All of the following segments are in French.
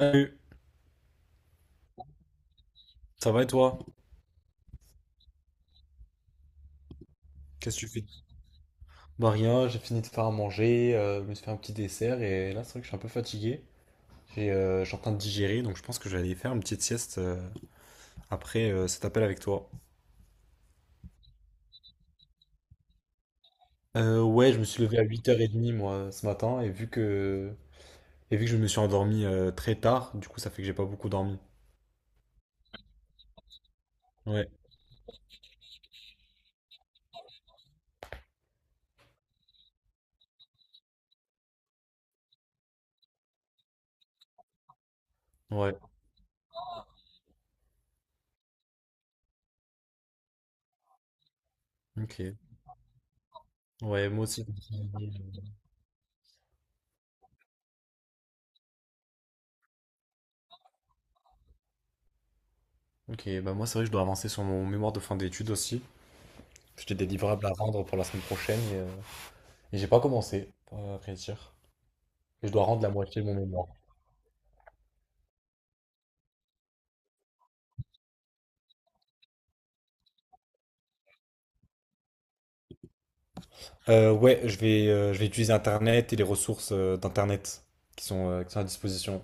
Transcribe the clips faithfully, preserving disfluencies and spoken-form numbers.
Salut, ça va et toi? Qu'est-ce que tu fais? Bah rien, j'ai fini de faire à manger, euh, je me suis fait un petit dessert et là c'est vrai que je suis un peu fatigué. J'ai, euh, je suis en train de digérer donc je pense que je vais aller faire une petite sieste euh, après euh, cet appel avec toi. Euh, ouais, je me suis levé à huit heures trente moi ce matin et vu que et vu que je me suis endormi euh, très tard, du coup ça fait que j'ai pas beaucoup dormi. Ouais, ouais, ok. Ouais, moi aussi. Ok, bah moi c'est vrai que je dois avancer sur mon mémoire de fin d'études aussi. J'ai des livrables à rendre pour la semaine prochaine. Et j'ai pas commencé, à vrai dire. Et je dois rendre la moitié de mon mémoire. Euh, ouais, je vais, euh, je vais utiliser Internet et les ressources euh, d'Internet qui sont, euh, qui sont à disposition.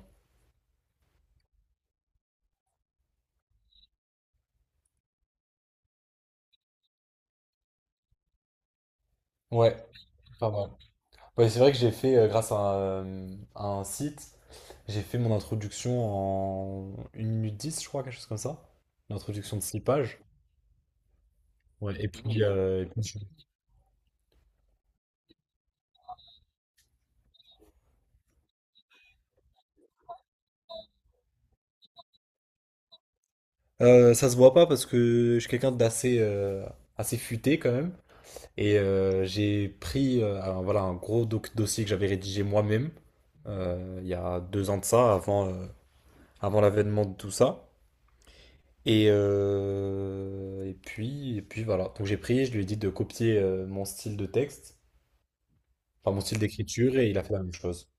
Ouais, pas mal. Ouais, c'est vrai que j'ai fait, euh, grâce à un, à un site, j'ai fait mon introduction en une minute dix, je crois, quelque chose comme ça. Une introduction de six pages. Ouais, et puis, euh, et puis. Euh, ça se voit pas parce que je suis quelqu'un d'assez euh, assez futé quand même. Et euh, j'ai pris euh, un- voilà, un gros doc- dossier que j'avais rédigé moi-même euh, il y a deux ans de ça, avant, euh, avant l'avènement de tout ça. Et, euh, et puis, et puis voilà. Donc j'ai pris, je lui ai dit de copier euh, mon style de texte, enfin mon style d'écriture, et il a fait la même chose.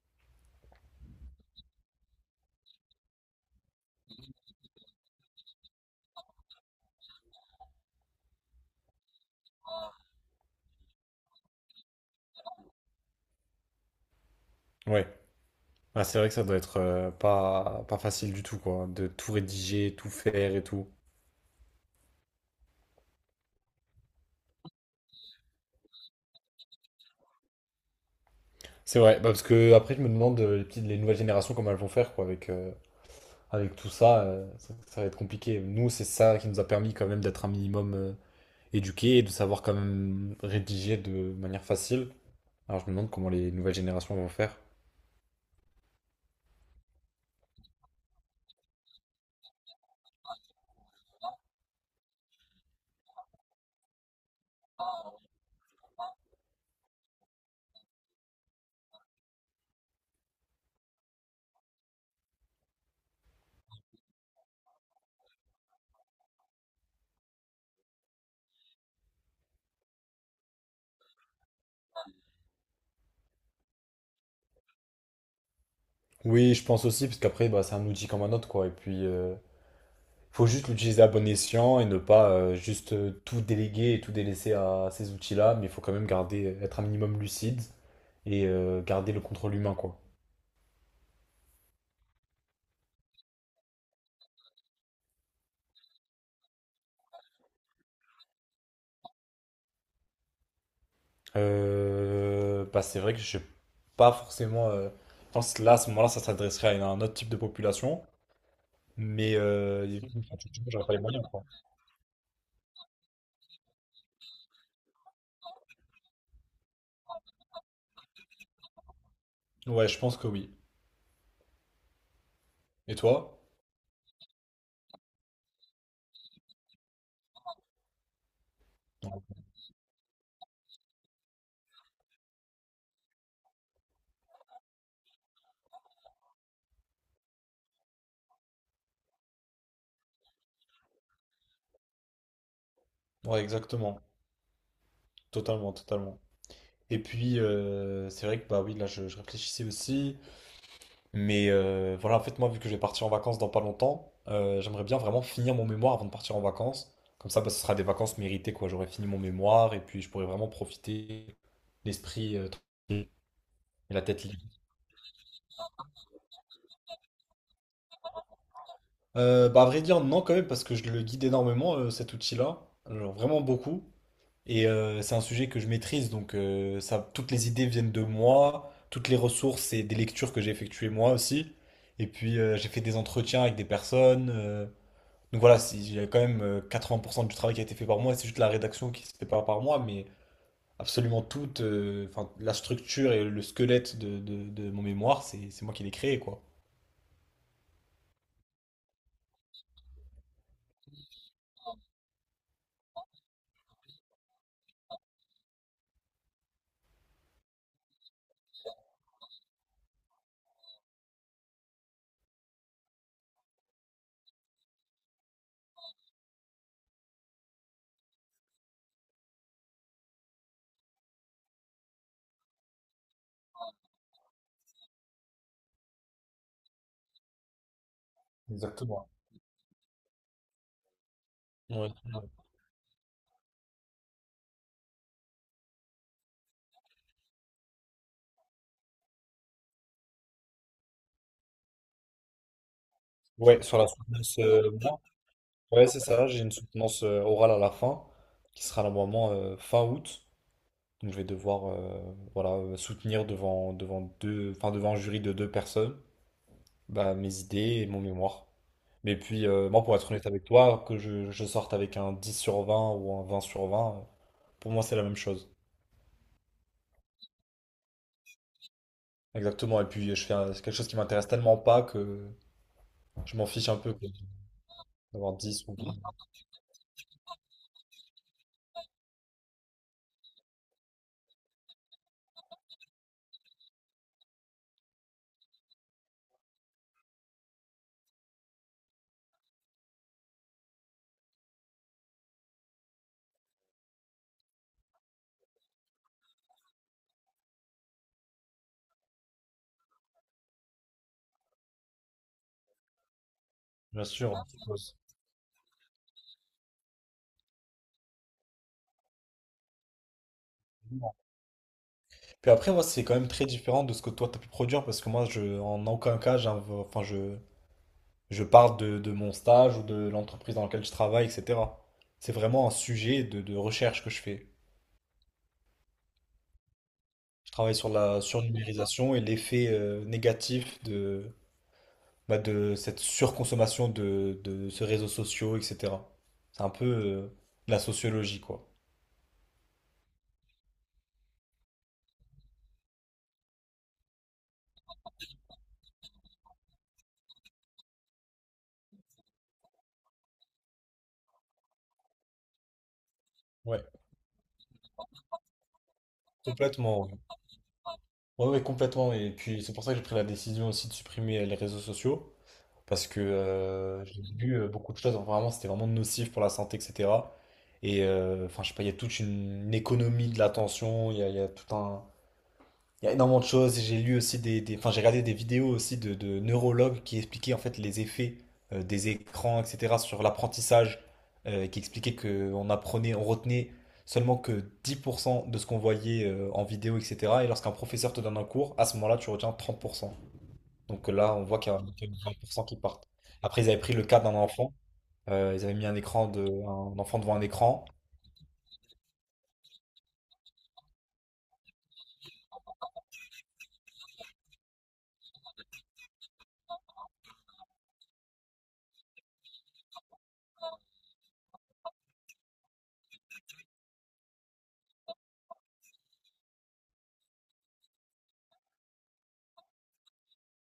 Ouais. Ah, c'est vrai que ça doit être euh, pas, pas facile du tout, quoi, hein, de tout rédiger, tout faire et tout. C'est vrai, bah, parce que après je me demande euh, les petites, les nouvelles générations comment elles vont faire, quoi, avec, euh, avec tout ça, euh, ça, ça va être compliqué. Nous, c'est ça qui nous a permis quand même d'être un minimum euh, éduqués et de savoir quand même rédiger de manière facile. Alors, je me demande comment les nouvelles générations vont faire. Oui, je pense aussi, parce qu'après, bah, c'est un outil comme un autre, quoi. Et puis, euh, faut juste l'utiliser à bon escient et ne pas euh, juste euh, tout déléguer et tout délaisser à ces outils-là, mais il faut quand même garder, être un minimum lucide et euh, garder le contrôle humain, quoi. Euh, bah, c'est vrai que je sais pas forcément. euh, je pense que là, à ce moment-là, ça s'adresserait à une- à un autre type de population. Mais euh, ouais, je pense que oui. Et toi? Ouais, exactement. Totalement, totalement. Et puis, euh, c'est vrai que bah oui, là, je, je réfléchissais aussi. Mais euh, voilà, en fait, moi, vu que je vais partir en vacances dans pas longtemps, euh, j'aimerais bien vraiment finir mon mémoire avant de partir en vacances. Comme ça, bah, ce sera des vacances méritées, quoi. J'aurai fini mon mémoire et puis je pourrai vraiment profiter l'esprit euh, tranquille et la tête libre. Euh, bah, à vrai dire, non, quand même, parce que je le guide énormément, euh, cet outil-là. Alors, vraiment beaucoup. Et euh, c'est un sujet que je maîtrise, donc euh, ça, toutes les idées viennent de moi, toutes les ressources et des lectures que j'ai effectuées moi aussi. Et puis, euh, j'ai fait des entretiens avec des personnes. euh, donc voilà, si- il y a quand même euh, quatre-vingts pour cent du travail qui a été fait par moi, c'est juste la rédaction qui se fait pas par moi, mais absolument toute, euh, enfin, la structure et le squelette de, de- de mon mémoire, c'est c'est moi qui l'ai créé, quoi. Exactement. Ouais, ouais. Ouais, sur la soutenance. Ouais, c'est ça, j'ai une soutenance euh, orale à la fin, qui sera normalement euh, fin août. Donc je vais devoir euh, voilà, euh, soutenir devant, devant deux, enfin, devant un jury de deux personnes, bah, mes idées et mon mémoire. Mais puis, euh, moi, pour être honnête avec toi, que je, je sorte avec un dix sur vingt ou un vingt sur vingt euh, pour moi, c'est la même chose. Exactement, et puis je fais un- c'est quelque chose qui m'intéresse tellement pas que je m'en fiche un peu quoi, d'avoir dix ou vingt. Bien sûr, puis après, moi, c'est quand même très différent de ce que toi, t'as pu produire, parce que moi, je, en aucun cas, j'inv- enfin, je, je parle de, de mon stage ou de l'entreprise dans laquelle je travaille, et cetera. C'est vraiment un sujet de, de recherche que je fais. Je travaille sur la surnumérisation et l'effet euh, négatif de, bah, de, cette surconsommation de, de ces réseaux sociaux, et cetera. C'est un peu euh, la sociologie, quoi. Ouais, complètement. Ouais, ouais, ouais, complètement. Et puis, c'est pour ça que j'ai pris la décision aussi de supprimer euh, les réseaux sociaux. Parce que euh, j'ai vu euh, beaucoup de choses, vraiment, c'était vraiment nocif pour la santé, et cetera. Et euh, enfin, je sais pas, il y a toute une, économie de l'attention, il y a, il y a tout un. Il y a énormément de choses et j'ai lu aussi des, des- enfin, j'ai regardé des vidéos aussi de, de neurologues qui expliquaient en fait les effets euh, des écrans, et cetera, sur l'apprentissage, euh, qui expliquaient qu'on apprenait, on retenait seulement que dix pour cent de ce qu'on voyait euh, en vidéo, et cetera. Et lorsqu'un professeur te donne un cours, à ce moment-là, tu retiens trente pour cent. Donc euh, là, on voit qu'il y a un- qu'il y a vingt pour cent qui partent. Après, ils avaient pris le cas d'un enfant. Euh, ils avaient mis un écran de, un enfant devant un écran.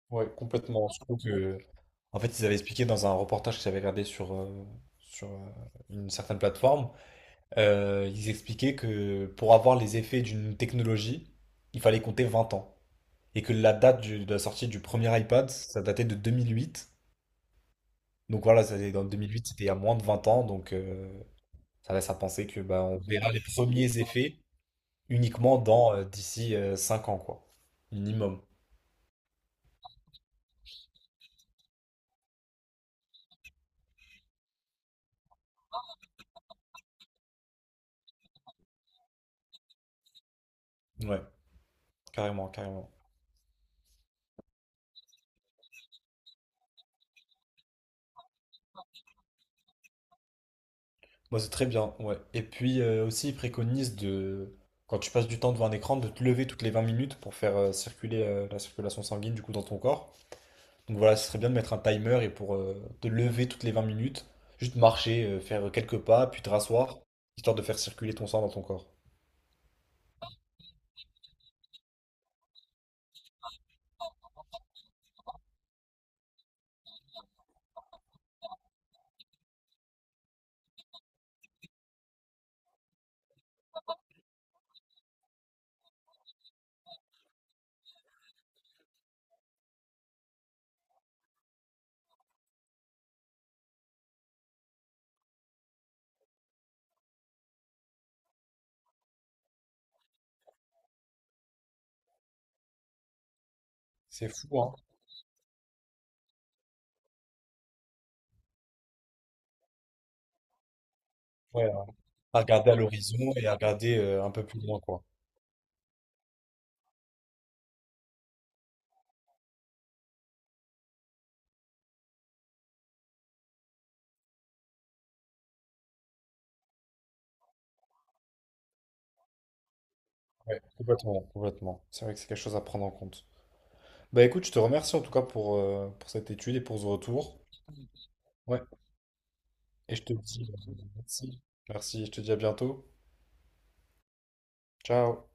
Ouais, complètement. Je trouve que, en fait, ils avaient expliqué dans un reportage que j'avais regardé sur, euh, sur euh, une certaine plateforme. euh, ils expliquaient que pour avoir les effets d'une technologie, il fallait compter vingt ans. Et que la date du- de la sortie du premier iPad, ça datait de deux mille huit. Donc voilà, ça, dans deux mille huit, c'était il y a moins de vingt ans. Donc euh, ça laisse à penser que bah, on verra les premiers effets uniquement dans euh, d'ici euh, cinq ans, quoi. Minimum. Ouais, carrément, carrément. Moi, c'est très bien, ouais. Et puis euh, aussi, ils préconisent de, quand tu passes du temps devant un écran, de te lever toutes les vingt minutes pour faire euh, circuler euh, la circulation sanguine, du coup, dans ton corps. Donc voilà, ce serait bien de mettre un timer et pour euh, te lever toutes les vingt minutes, juste marcher, euh, faire quelques pas, puis te rasseoir, histoire de faire circuler ton sang dans ton corps. C'est fou, hein? Ouais, hein. À regarder à l'horizon et à regarder euh, un peu plus loin, quoi. Ouais, complètement, complètement. C'est vrai que c'est quelque chose à prendre en compte. Bah écoute, je te remercie en tout cas pour, euh, pour cette étude et pour ce retour. Ouais. Et je te dis merci. Merci, je te dis à bientôt. Ciao.